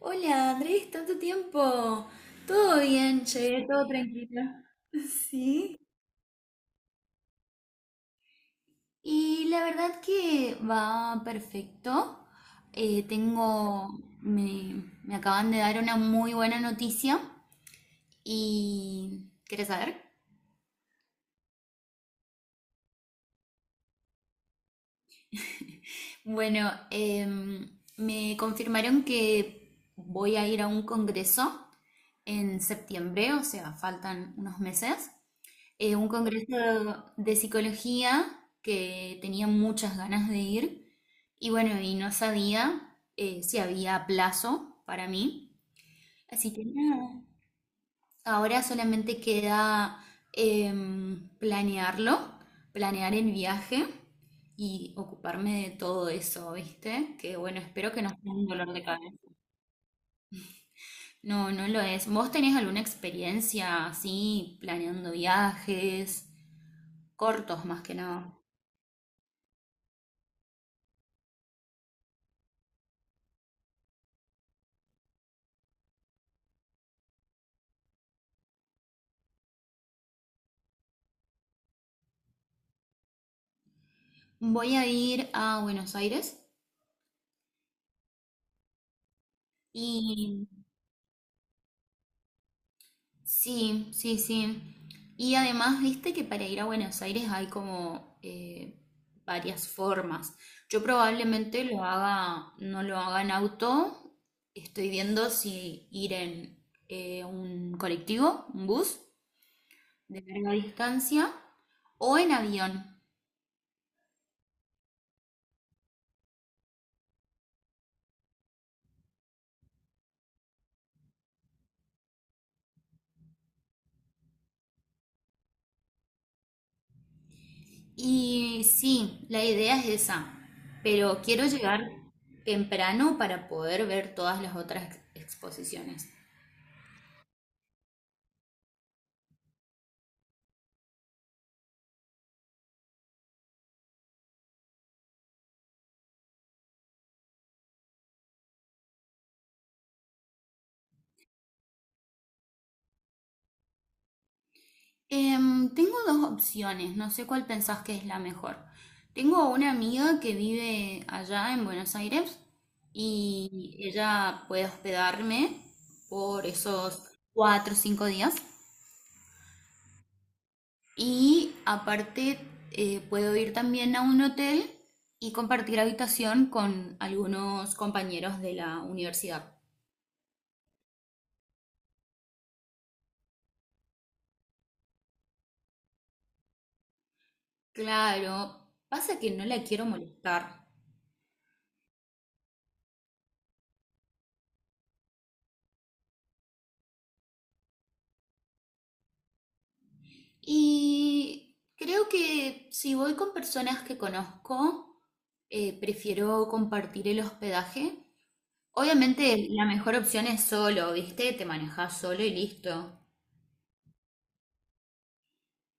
Hola, Andrés, tanto tiempo. Todo bien, llegué todo tranquilo. Sí. Y la verdad que va perfecto. Eh, tengo, me acaban de dar una muy buena noticia y ¿quieres saber? Bueno, me confirmaron que voy a ir a un congreso en septiembre, o sea, faltan unos meses. Un congreso de psicología que tenía muchas ganas de ir y bueno, y no sabía, si había plazo para mí. Así que nada, ahora solamente queda, planearlo, planear el viaje y ocuparme de todo eso, ¿viste? Que bueno, espero que no sea un dolor de cabeza. No, no lo es. ¿Vos tenés alguna experiencia así planeando viajes cortos más que nada? Voy a ir a Buenos Aires y sí, sí, sí. Y además, viste que para ir a Buenos Aires hay como, varias formas. Yo probablemente lo haga, no lo haga en auto. Estoy viendo si ir en, un colectivo, un bus de larga distancia o en avión. Y sí, la idea es esa, pero quiero llegar temprano para poder ver todas las otras exposiciones. Em, tengo dos opciones, no sé cuál pensás que es la mejor. Tengo una amiga que vive allá en Buenos Aires y ella puede hospedarme por esos 4 o 5 días. Y aparte, puedo ir también a un hotel y compartir habitación con algunos compañeros de la universidad. Claro, pasa que no la quiero molestar. Y creo que si voy con personas que conozco, prefiero compartir el hospedaje. Obviamente la mejor opción es solo, ¿viste? Te manejas solo y listo.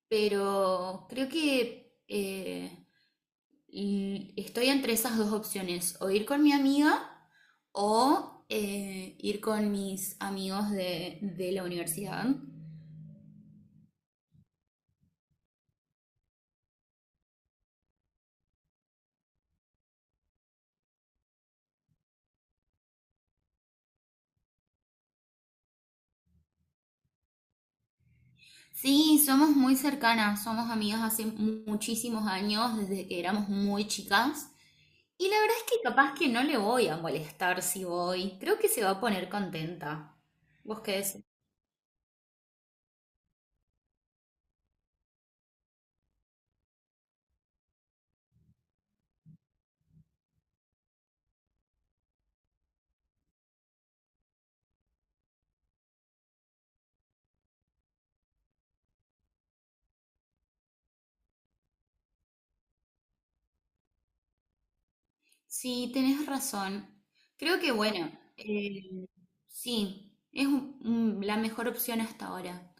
Pero creo que eh, y estoy entre esas dos opciones, o ir con mi amiga o ir con mis amigos de la universidad. Sí, somos muy cercanas, somos amigas hace muchísimos años, desde que éramos muy chicas. Y la verdad es que capaz que no le voy a molestar si voy. Creo que se va a poner contenta. ¿Vos qué decís? Sí, tenés razón. Creo que bueno, eh, sí, es la mejor opción hasta ahora.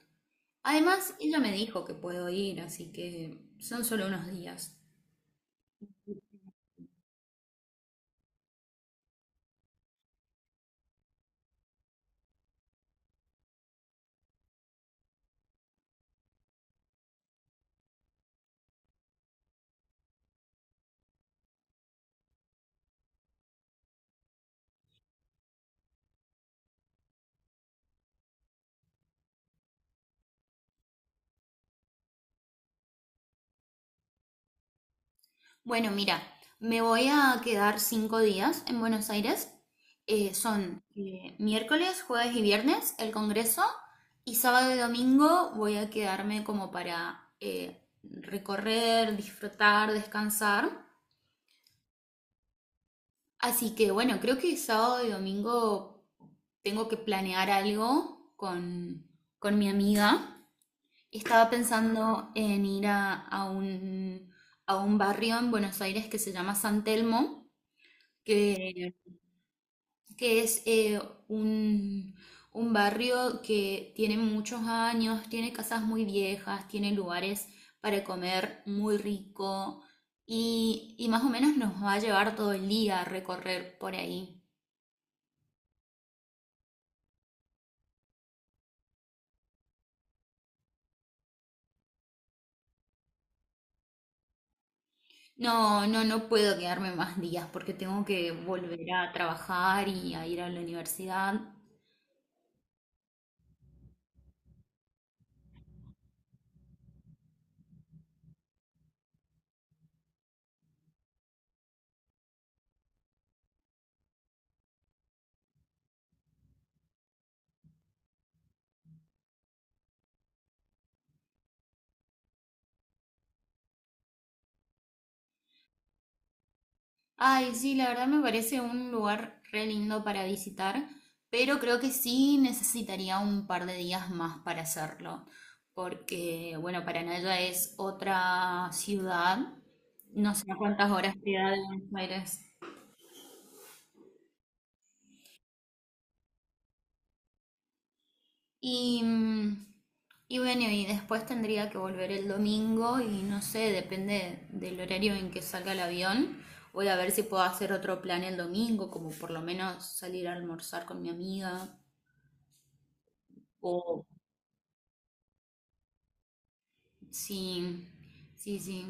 Además, ella me dijo que puedo ir, así que son solo unos días. Bueno, mira, me voy a quedar 5 días en Buenos Aires. Son, miércoles, jueves y viernes el congreso y sábado y domingo voy a quedarme como para, recorrer, disfrutar, descansar. Así que bueno, creo que sábado y domingo tengo que planear algo con mi amiga. Estaba pensando en ir a un barrio en Buenos Aires que se llama San Telmo, que, que es, un, un barrio que tiene muchos años, tiene casas muy viejas, tiene lugares para comer muy rico y más o menos nos va a llevar todo el día a recorrer por ahí. No, no, no puedo quedarme más días porque tengo que volver a trabajar y a ir a la universidad. Ay, sí, la verdad me parece un lugar re lindo para visitar, pero creo que sí necesitaría un par de días más para hacerlo, porque, bueno, Paranaya es otra ciudad, no sé a cuántas horas queda de Buenos Aires. Y, y bueno, y después tendría que volver el domingo y no sé, depende del horario en que salga el avión. Voy a ver si puedo hacer otro plan el domingo, como por lo menos salir a almorzar con mi amiga. O Sí, sí, sí.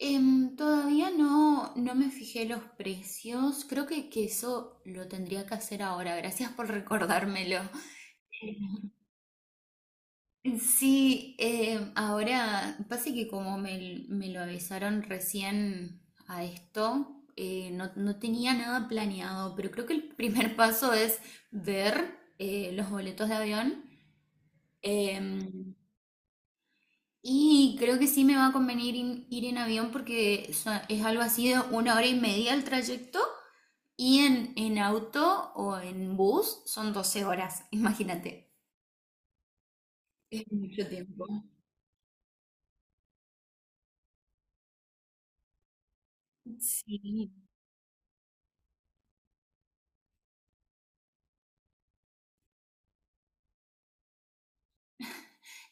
Todavía no, no me fijé los precios. Creo que eso lo tendría que hacer ahora. Gracias por recordármelo. Sí, ahora pasa que como me lo avisaron recién a esto, no, no tenía nada planeado, pero creo que el primer paso es ver, los boletos de avión. Em, Y creo que sí me va a convenir ir en avión porque es algo así de una hora y media el trayecto y en auto o en bus son 12 horas, imagínate. Es mucho tiempo. Sí.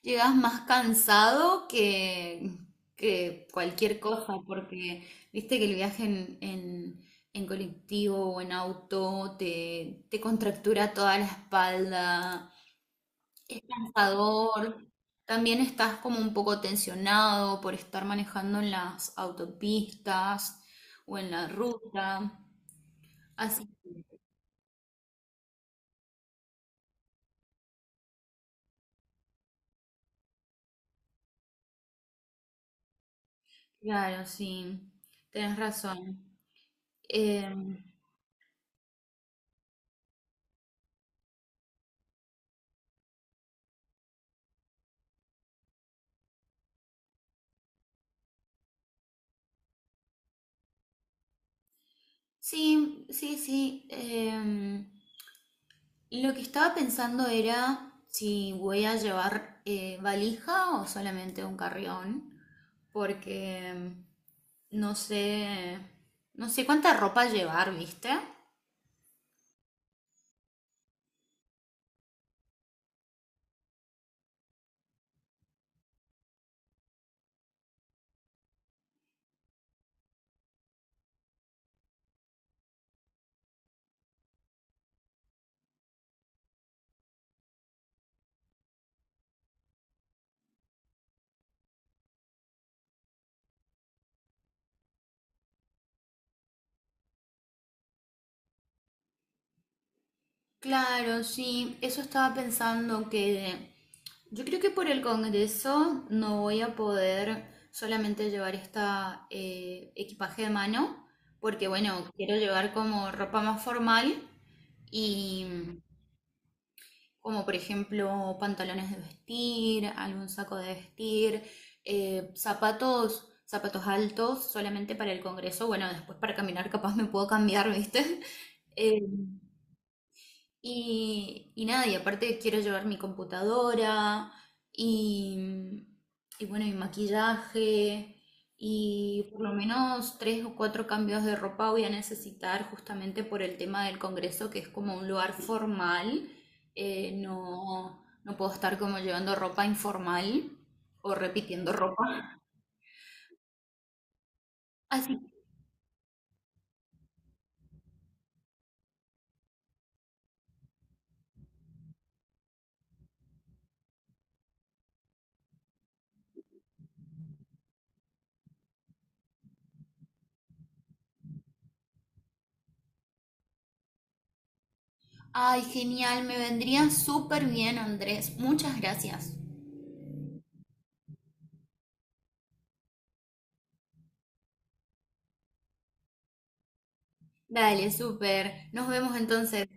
Llegas más cansado que cualquier cosa porque viste que el viaje en colectivo o en auto te, te contractura toda la espalda. Es cansador. También estás como un poco tensionado por estar manejando en las autopistas o en la ruta. Así, claro, sí, tenés razón. Em, sí, sí, sí. Lo que estaba pensando era si voy a llevar, valija o solamente un carrión, porque, no sé, no sé cuánta ropa llevar, ¿viste? Claro, sí, eso estaba pensando que yo creo que por el Congreso no voy a poder solamente llevar esta, equipaje de mano, porque bueno, quiero llevar como ropa más formal y como por ejemplo pantalones de vestir, algún saco de vestir, zapatos, zapatos altos solamente para el Congreso, bueno, después para caminar capaz me puedo cambiar, ¿viste? Y, y nada, y aparte quiero llevar mi computadora y, y bueno, mi maquillaje y por lo menos tres o cuatro cambios de ropa voy a necesitar justamente por el tema del congreso, que es como un lugar formal. No, no puedo estar como llevando ropa informal o repitiendo ropa. Así, ay, genial, me vendría súper bien, Andrés. Muchas gracias. Dale, súper. Nos vemos entonces.